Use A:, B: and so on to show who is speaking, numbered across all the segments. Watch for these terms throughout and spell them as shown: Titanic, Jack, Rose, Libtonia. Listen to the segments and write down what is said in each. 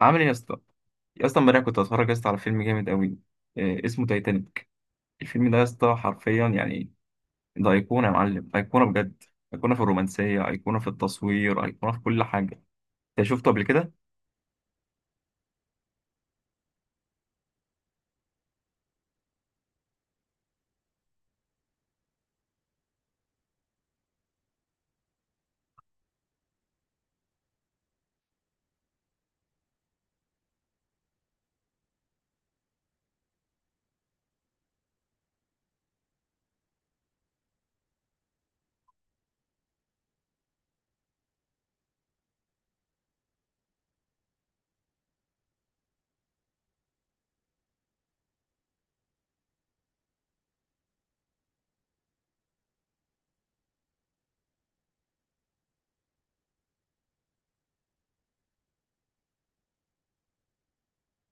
A: عامل ايه يا اسطى امبارح كنت اتفرج يا اسطى على فيلم جامد قوي. آه، اسمه تايتانيك. الفيلم ده يا اسطى حرفيا يعني، ده ايقونه يا معلم، ايقونه بجد. ايقونه في الرومانسيه، ايقونه في التصوير، ايقونه في كل حاجه. انت شفته قبل كده؟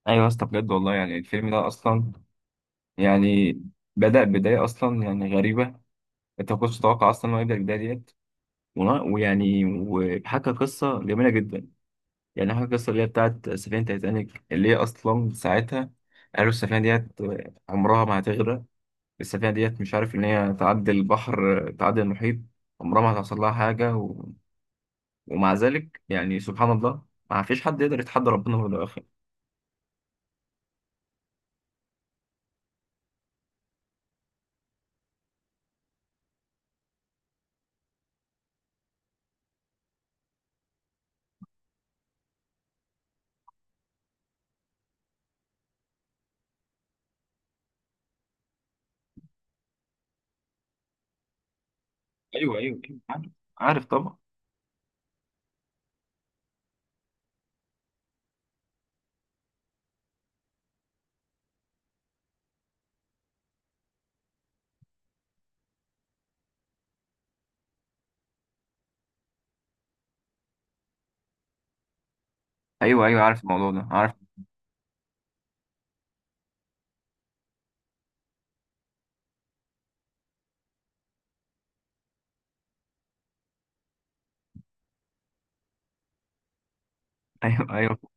A: ايوه يا اسطى، بجد والله، يعني الفيلم ده اصلا يعني بدأ بدايه اصلا يعني غريبه. انت ما كنتش تتوقع اصلا انه يبدأ البدايه ديت. و- ويعني وحكى قصه جميله جدا. يعني حكى قصه اللي هي بتاعت سفينه تايتانيك، اللي هي اصلا ساعتها قالوا السفينه ديت عمرها ما هتغرق. السفينة ديت مش عارف إن هي تعدي البحر تعدي المحيط، عمرها ما هتحصل لها حاجة. ومع ذلك يعني سبحان الله، ما فيش حد يقدر يتحدى ربنا، هو ده أخي. أيوه أيوه أيوه عارف، عارف طبعا. أيوه أيوه عارف الموضوع ده، عارف. أيوه أيوه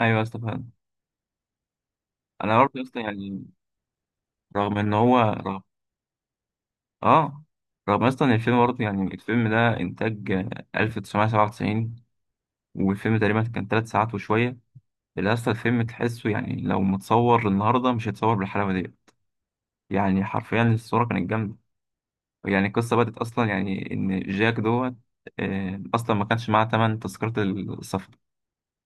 A: أيوه استفاد. أنا برضه أصلا يعني رغم، آه، رغم أصلا إن الفيلم برضه، يعني الفيلم ده إنتاج، آه، 1997. والفيلم تقريبا كان تلات ساعات وشوية. اللي أصلا الفيلم تحسه يعني لو متصور النهاردة مش هيتصور بالحلاوة دي. يعني حرفيا الصورة كانت جامدة. يعني القصة بدأت أصلا يعني إن جاك دوت، آه، أصلا ما كانش معاه تمن تذكرة السفر،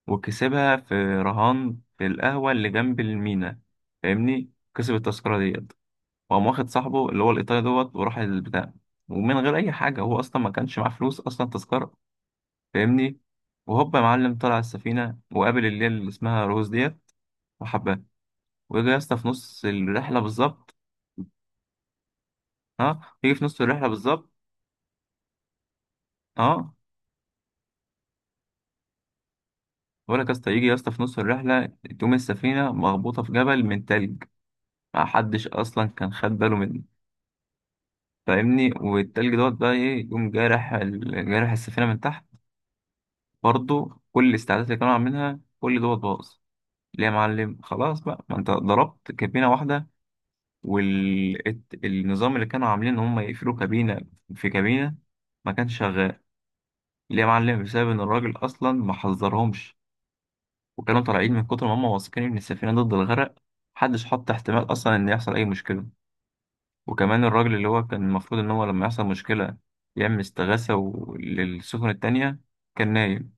A: وكسبها في رهان في القهوة اللي جنب المينا. فاهمني؟ كسب التذكرة ديت، وقام واخد صاحبه اللي هو الإيطالي دوت وراح البتاع، ومن غير أي حاجة، هو أصلا ما كانش معاه فلوس أصلا تذكرة. فاهمني؟ وهوب يا معلم طلع السفينة، وقابل اللي هي اللي اسمها روز ديت، وحبها. ويجي يا اسطى في نص الرحلة بالظبط، اه، يجي في نص الرحلة بالظبط، اه. بقول لك يا اسطى، يجي يا اسطى في نص الرحله، تقوم السفينه مخبوطه في جبل من تلج، ما حدش اصلا كان خد باله منه. فاهمني؟ والتلج دوت بقى ايه، يقوم جارح جارح السفينه من تحت. برضه كل الاستعدادات اللي كانوا عاملينها كل دوت باظ. ليه يا معلم؟ خلاص بقى، ما انت ضربت كابينه واحده، والنظام اللي كانوا عاملين ان هم يقفلوا كابينه في كابينه ما كانش شغال. ليه يا معلم؟ بسبب ان الراجل اصلا ما حذرهمش، وكانوا طالعين من كتر ما هم واثقين ان السفينه ضد الغرق، محدش حط احتمال اصلا ان يحصل اي مشكله. وكمان الراجل اللي هو كان المفروض ان هو لما يحصل مشكله يعمل استغاثه للسفن التانية كان نايم.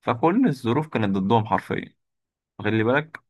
A: فكل الظروف كانت ضدهم حرفيا. خلي بالك.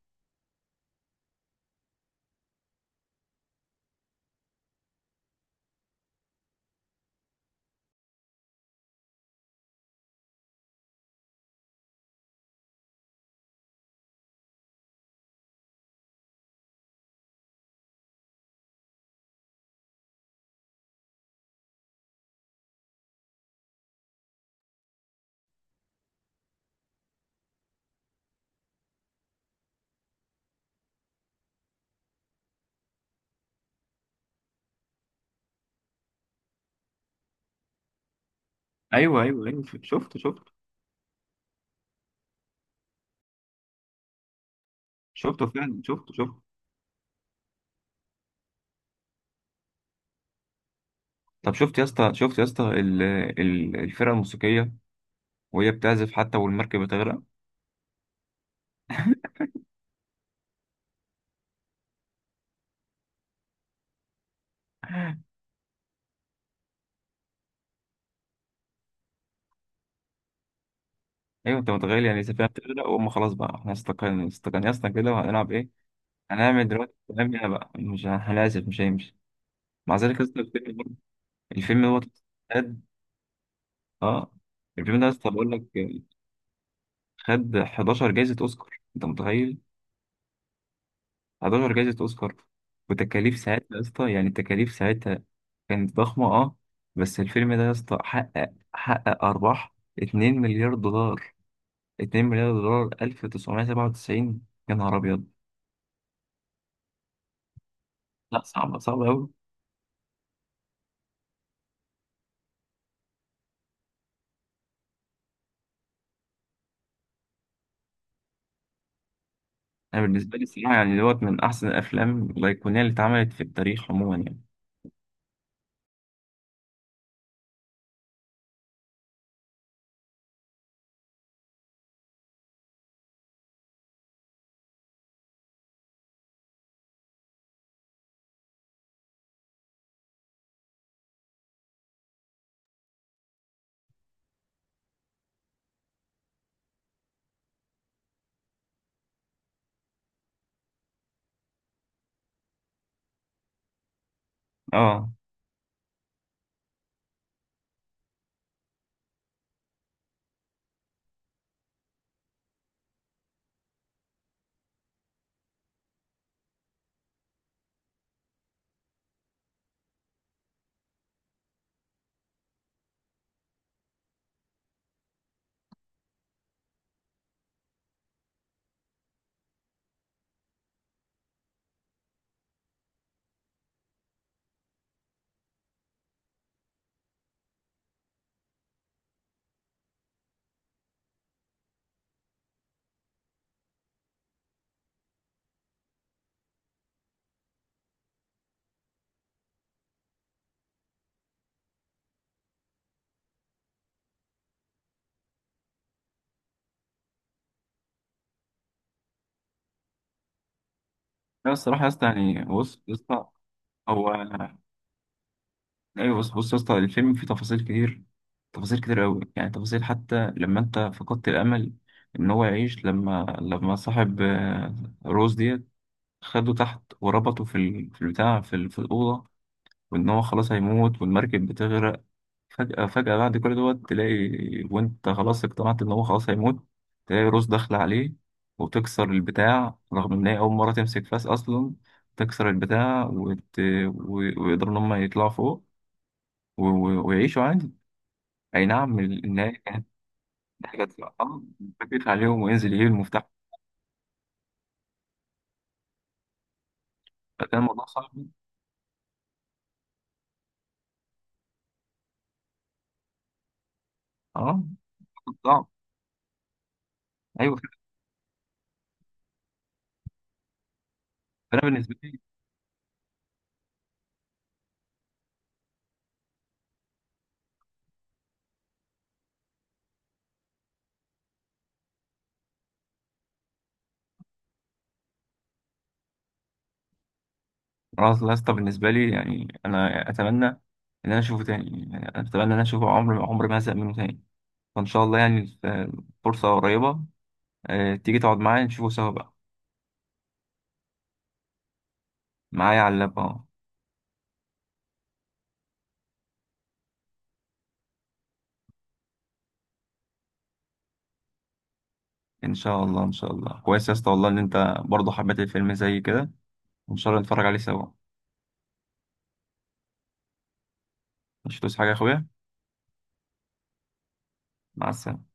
A: ايوه ايوه ايوه، شفت شفته فعلا، شفته. طب شفت يا اسطى، شفت يا اسطى الفرقه الموسيقيه وهي بتعزف حتى والمركب بتغرق؟ ايوه انت متخيل؟ يعني السفينه بتغرق وهم خلاص بقى، احنا استقلنا استقلنا يا اسطى كده، وهنلعب ايه، هنعمل دلوقتي؟ كلامنا بقى مش هنعزف مش هيمشي. مع ذلك اصلا الفيلم دوت خد، اه، الفيلم ده اصلا بقول لك خد 11 جايزة اوسكار. انت متخيل؟ 11 جايزة اوسكار. وتكاليف ساعتها يا اسطى، يعني التكاليف ساعتها كانت ضخمة، اه. بس الفيلم ده يا اسطى حقق ارباح 2 مليار دولار. 2 مليار دولار 1997، يا نهار ابيض. لا صعبة، صعبة قوي. انا بالنسبه لي الصراحه يعني دوت من احسن الافلام الايقونيه اللي اتعملت في التاريخ عموما يعني. اه لا الصراحه يا اسطى، يعني بص يا اسطى، هو ايوه بص بص يا اسطى، الفيلم فيه تفاصيل كتير، تفاصيل كتير قوي يعني. تفاصيل حتى لما انت فقدت الامل ان هو يعيش، لما صاحب، آه، روز ديت، خده تحت وربطه في البتاع، في الاوضه، وان هو خلاص هيموت والمركب بتغرق. فجأة فجأة بعد كل دوت تلاقي، وانت خلاص اقتنعت ان هو خلاص هيموت، تلاقي روس داخلة عليه وتكسر البتاع رغم ان هي اول مرة تمسك فاس اصلا، تكسر البتاع و... ويقدروا ان هم يطلعوا فوق ويعيشوا عادي. اي نعم، ان هي كانت حاجة، اه، بيقف عليهم وينزل يجيب المفتاح، فكان الموضوع صعب، اه صعب، ايوه. فانا بالنسبة لي، خلاص لاسطى بالنسبة لي يعني انا اتمنى ان انا اشوفه تاني، يعني انا اتمنى ان انا اشوفه، عمر عمر ما هزهق منه تاني. فإن شاء الله يعني، آه، فرصة قريبة، آه، تيجي تقعد معايا نشوفه سوا بقى. معايا على اللاب، اه. إن شاء الله إن شاء الله، كويس يا اسطى والله إن أنت برضه حبيت الفيلم زي كده، وإن شاء الله نتفرج عليه سوا. مش هتوصي حاجة يا أخويا؟ مع السلامة.